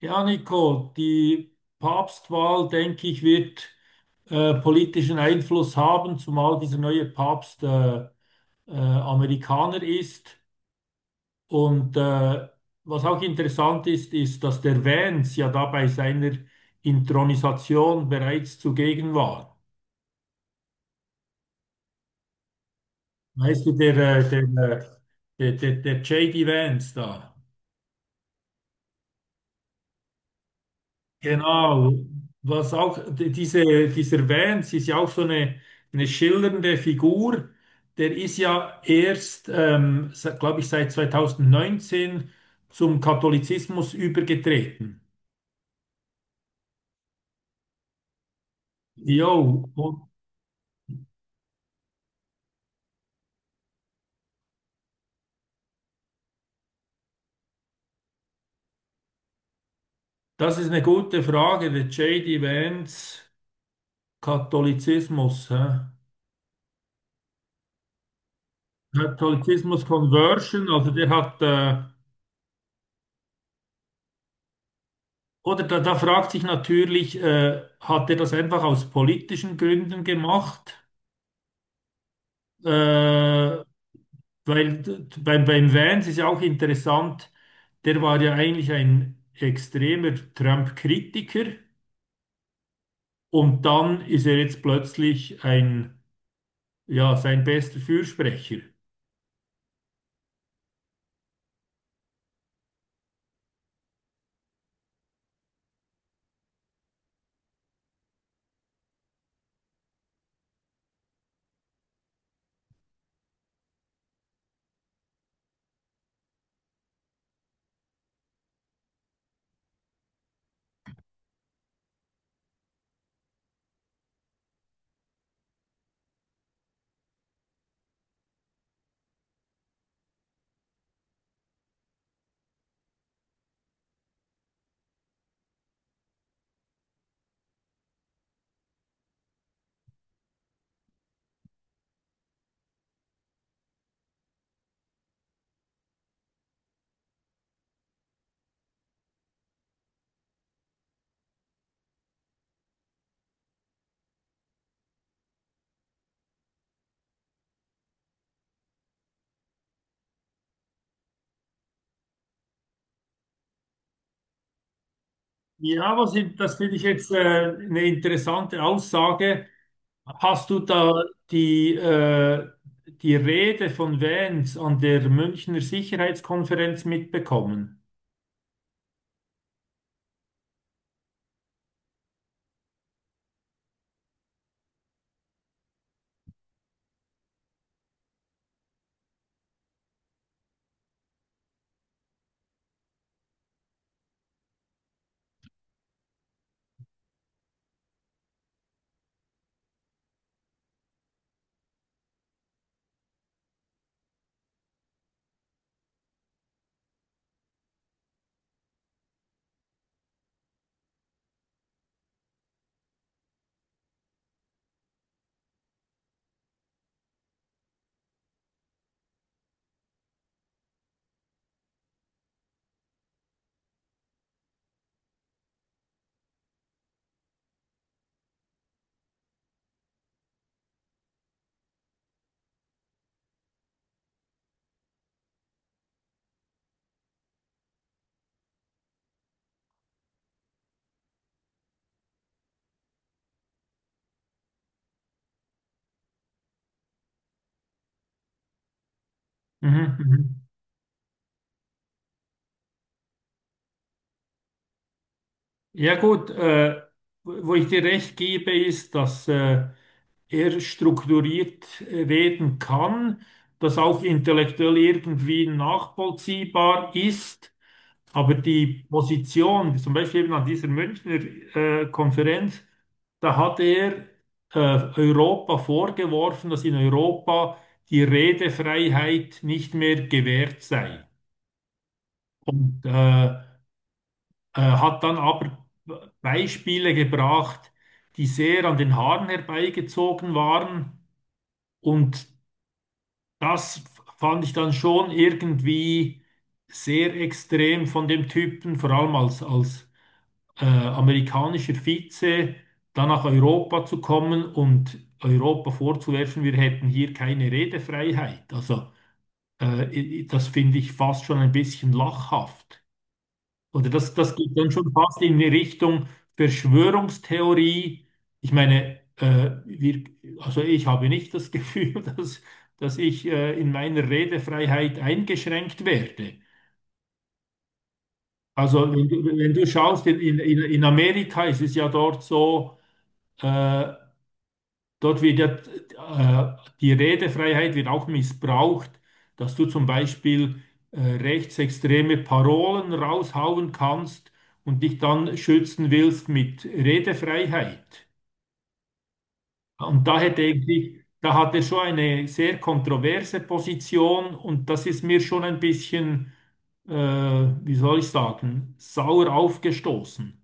Ja, Nico, die Papstwahl, denke ich, wird politischen Einfluss haben, zumal dieser neue Papst Amerikaner ist. Und was auch interessant ist, ist, dass der Vance ja da bei seiner Inthronisation bereits zugegen war. Weißt du, der J.D. Vance da. Genau, was auch dieser Vance ist ja auch so eine schillernde Figur. Der ist ja erst, glaube ich, seit 2019 zum Katholizismus übergetreten. Jo, und das ist eine gute Frage, der J D Vance, Katholizismus. Hä? Katholizismus Conversion, also der hat, oder da fragt sich natürlich, hat er das einfach aus politischen Gründen gemacht? Äh, weil beim Vance ist ja auch interessant, der war ja eigentlich ein extremer Trump-Kritiker und dann ist er jetzt plötzlich ja, sein bester Fürsprecher. Ja, das finde ich jetzt eine interessante Aussage. Hast du da die, äh, die Rede von Vance an der Münchner Sicherheitskonferenz mitbekommen? Mhm, mhm. Ja gut, wo ich dir recht gebe, ist, dass er strukturiert reden kann, das auch intellektuell irgendwie nachvollziehbar ist, aber die Position, zum Beispiel eben an dieser Münchner Konferenz, da hat er äh, Europa vorgeworfen, dass in Europa die Redefreiheit nicht mehr gewährt sei. Und hat dann aber Beispiele gebracht, die sehr an den Haaren herbeigezogen waren. Und das fand ich dann schon irgendwie sehr extrem von dem Typen, vor allem als amerikanischer Vize, dann nach Europa zu kommen und Europa vorzuwerfen, wir hätten hier keine Redefreiheit. Also äh, das finde ich fast schon ein bisschen lachhaft. Oder das geht dann schon fast in die Richtung Verschwörungstheorie. Ich meine, also ich habe nicht das Gefühl, dass ich in meiner Redefreiheit eingeschränkt werde. Also wenn du schaust, in Amerika ist es ja dort so, äh, dort wird ja die Redefreiheit wird auch missbraucht, dass du zum Beispiel rechtsextreme Parolen raushauen kannst und dich dann schützen willst mit Redefreiheit. Und daher denke ich, da hat er schon eine sehr kontroverse Position und das ist mir schon ein bisschen, wie soll ich sagen, sauer aufgestoßen.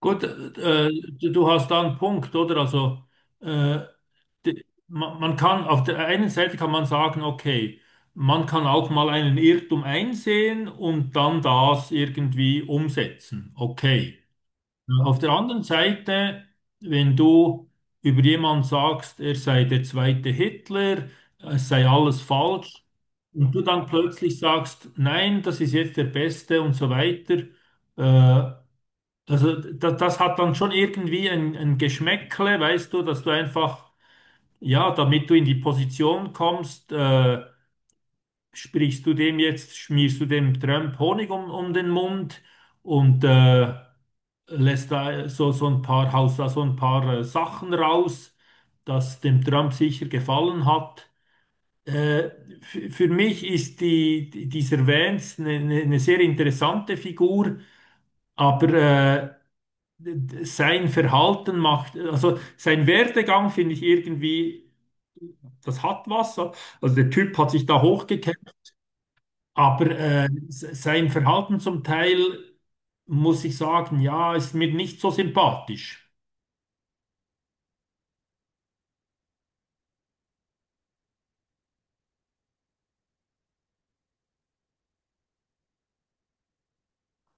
Gut, du hast da einen Punkt, oder? Also äh, d- man kann, auf der einen Seite kann man sagen, okay, man kann auch mal einen Irrtum einsehen und dann das irgendwie umsetzen. Okay. Auf der anderen Seite, wenn du über jemanden sagst, er sei der zweite Hitler, es sei alles falsch, und du dann plötzlich sagst, nein, das ist jetzt der Beste und so weiter, äh, also das hat dann schon irgendwie ein Geschmäckle, weißt du, dass du einfach ja, damit du in die Position kommst, sprichst du dem jetzt, schmierst du dem Trump Honig um den Mund und lässt da so ein paar, haust da so ein paar Sachen raus, das dem Trump sicher gefallen hat. Äh, für mich ist dieser Vance eine eine sehr interessante Figur, aber sein Verhalten macht, also sein Werdegang finde ich irgendwie, das hat was. So. Also der Typ hat sich da hochgekämpft, aber sein Verhalten zum Teil, muss ich sagen, ja, ist mir nicht so sympathisch.